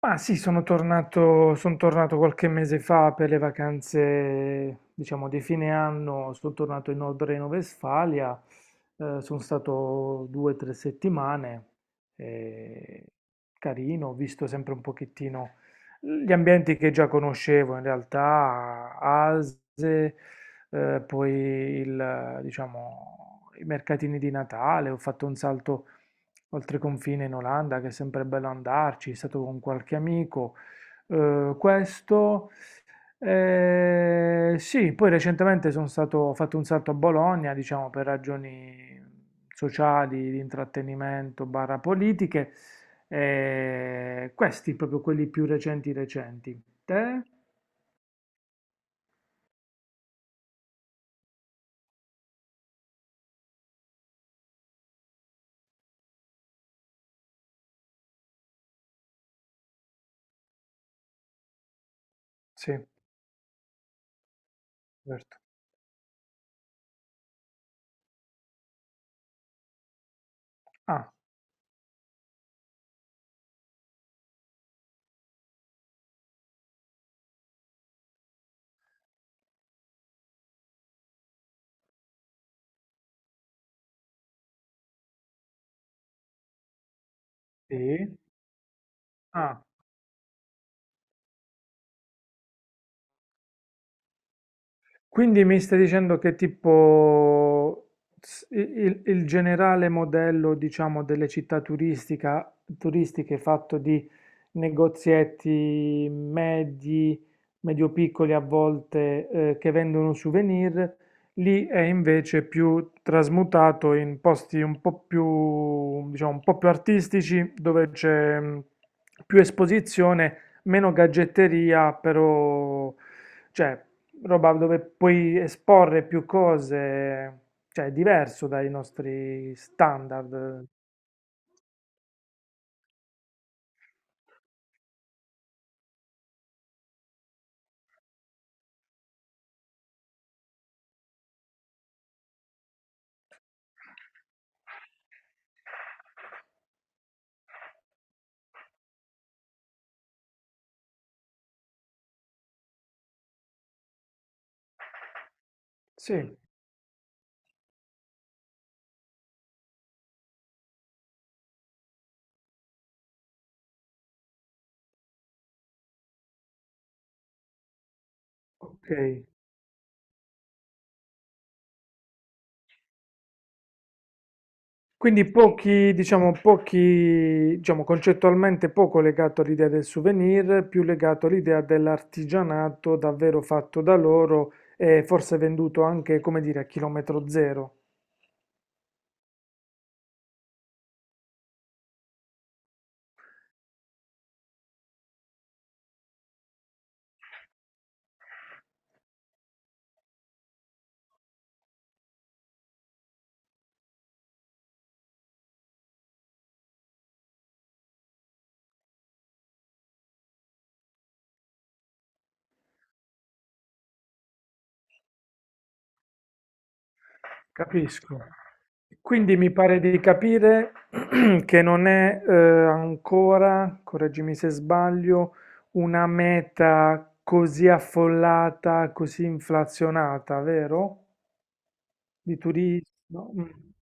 Ma sì, son tornato qualche mese fa per le vacanze, diciamo, di fine anno, sono tornato in Nord Reno-Vestfalia, sono stato due o tre settimane, eh, carino, ho visto sempre un pochettino gli ambienti che già conoscevo, in realtà, Ase, diciamo, i mercatini di Natale, ho fatto un salto oltre confine in Olanda, che è sempre bello andarci, è stato con qualche amico. Eh, questo, sì, poi recentemente ho fatto un salto a Bologna, diciamo per ragioni sociali, di intrattenimento, barra politiche. Questi proprio quelli più recenti recenti. Te? Sì, certo. Ah, sì. Ah. Quindi mi stai dicendo che tipo il generale modello, diciamo, delle città turistiche fatto di negozietti medi, medio-piccoli a volte, che vendono souvenir, lì è invece più trasmutato in posti un po' più, diciamo, un po' più artistici, dove c'è più esposizione, meno gadgetteria, però, cioè, roba dove puoi esporre più cose, cioè è diverso dai nostri standard. Sì, ok. Quindi pochi, diciamo, concettualmente poco legato all'idea del souvenir, più legato all'idea dell'artigianato davvero fatto da loro e forse venduto anche, come dire, a chilometro zero. Capisco. Quindi mi pare di capire che non è ancora, correggimi se sbaglio, una meta così affollata, così inflazionata, vero? Di turismo. Mm.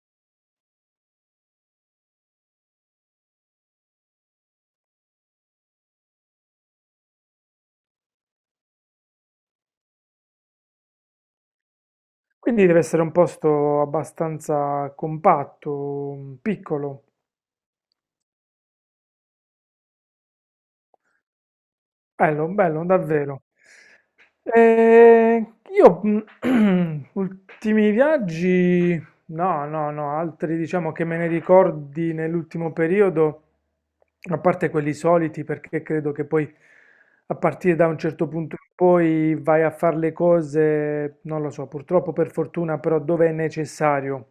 Quindi deve essere un posto abbastanza compatto, piccolo. Bello, bello, davvero. Eh, io ultimi viaggi, no, no, no, altri diciamo che me ne ricordi nell'ultimo periodo, a parte quelli soliti, perché credo che poi a partire da un certo punto in poi vai a fare le cose, non lo so, purtroppo per fortuna, però dove è necessario.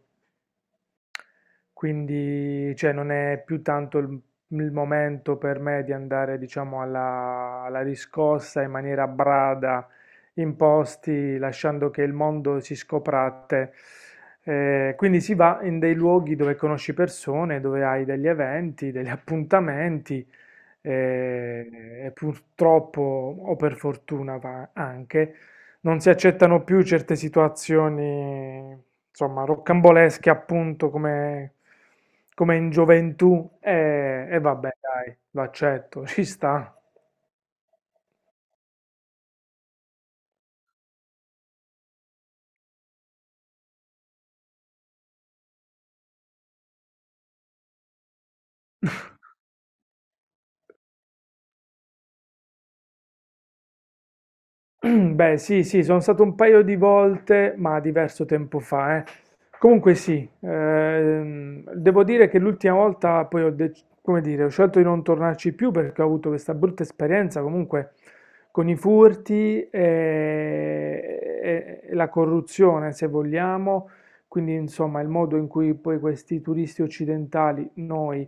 Quindi, cioè, non è più tanto il, momento per me di andare, diciamo, alla riscossa in maniera brada, in posti, lasciando che il mondo si scopra a te. Quindi si va in dei luoghi dove conosci persone, dove hai degli eventi, degli appuntamenti, eh, e purtroppo, o per fortuna va anche, non si accettano più certe situazioni, insomma, rocambolesche appunto come in gioventù e vabbè, dai, l'accetto, ci sta. Beh, sì, sì, sono stato un paio di volte, ma diverso tempo fa, eh. Comunque sì, devo dire che l'ultima volta poi come dire, ho scelto di non tornarci più perché ho avuto questa brutta esperienza comunque con i furti e la corruzione, se vogliamo, quindi insomma il modo in cui poi questi turisti occidentali, noi,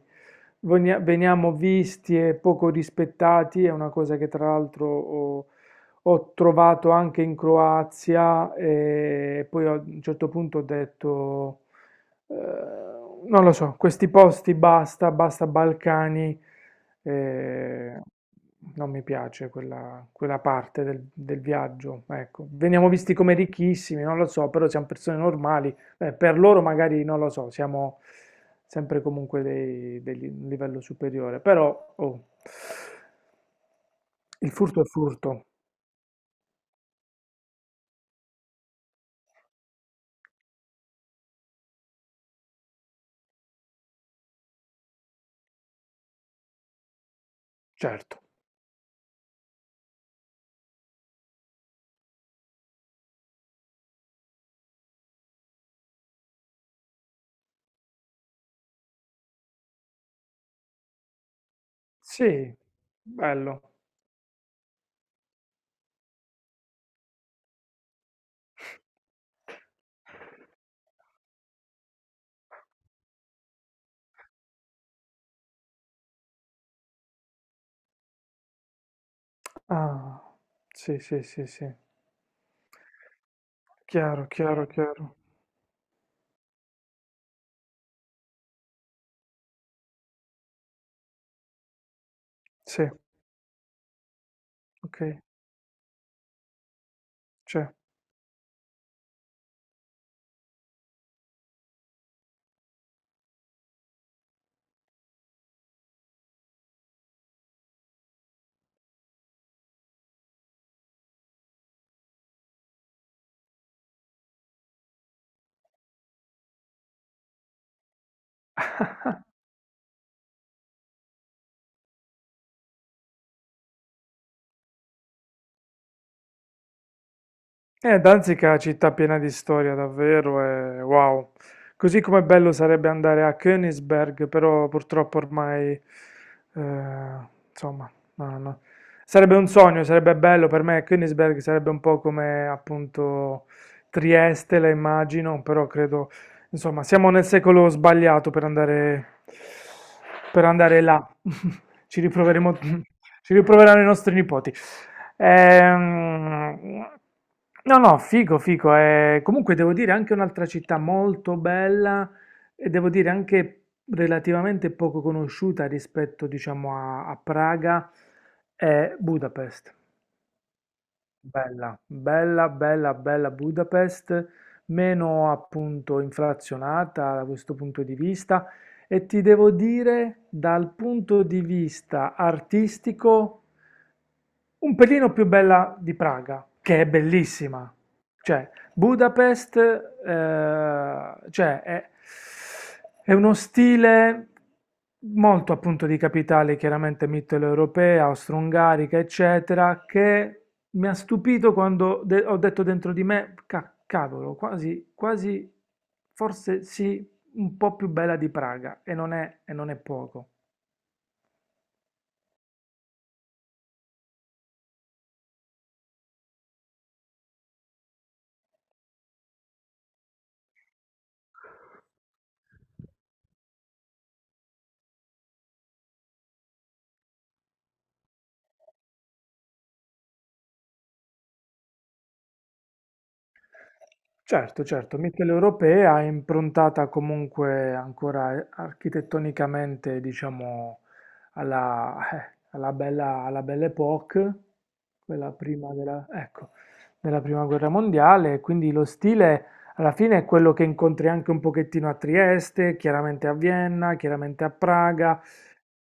veniamo visti e poco rispettati è una cosa che tra l'altro, oh, ho trovato anche in Croazia e poi a un certo punto ho detto, eh, non lo so, questi posti basta, basta Balcani, eh, non mi piace quella, parte del viaggio. Ecco, veniamo visti come ricchissimi, non lo so, però siamo persone normali, per loro magari non lo so, siamo sempre comunque un livello superiore, però oh, il furto è furto, certo. Sì, bello. Ah, sì, sì, sì, sì. Chiaro, chiaro, chiaro. Sì, okay, sì. Danzica è una città piena di storia, davvero, e wow. Così come bello sarebbe andare a Königsberg, però purtroppo ormai, insomma, no, no. Sarebbe un sogno, sarebbe bello per me. Königsberg sarebbe un po' come appunto Trieste, la immagino, però credo, insomma, siamo nel secolo sbagliato per andare, là. Ci riproveremo, ci riproveranno i nostri nipoti. Ehm, no, no, figo, figo. Comunque devo dire anche un'altra città molto bella e devo dire anche relativamente poco conosciuta rispetto, diciamo, a Praga è Budapest. Bella, bella, bella, bella Budapest, meno appunto inflazionata da questo punto di vista. E ti devo dire, dal punto di vista artistico, un pelino più bella di Praga, che è bellissima. Cioè, Budapest, cioè, è, uno stile molto appunto di capitale, chiaramente mitteleuropea, austro-ungarica, eccetera, che mi ha stupito quando ho detto dentro di me, cavolo, quasi, quasi, forse sì, un po' più bella di Praga, e non è, poco." Certo, certo, mitteleuropea, improntata comunque ancora architettonicamente, diciamo, alla bella, alla Belle Époque, quella prima ecco, della prima guerra mondiale, quindi lo stile alla fine è quello che incontri anche un pochettino a Trieste, chiaramente a Vienna, chiaramente a Praga,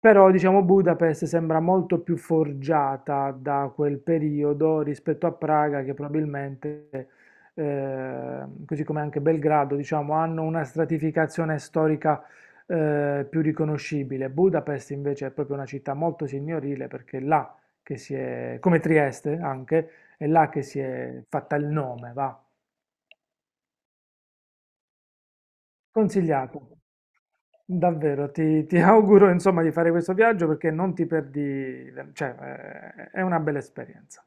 però diciamo Budapest sembra molto più forgiata da quel periodo rispetto a Praga che probabilmente così come anche Belgrado, diciamo, hanno una stratificazione storica più riconoscibile. Budapest invece è proprio una città molto signorile perché è là che si è, come Trieste anche, è là che si è fatta il nome, va. Consigliato. Davvero, ti, auguro insomma di fare questo viaggio perché non ti perdi, cioè è una bella esperienza.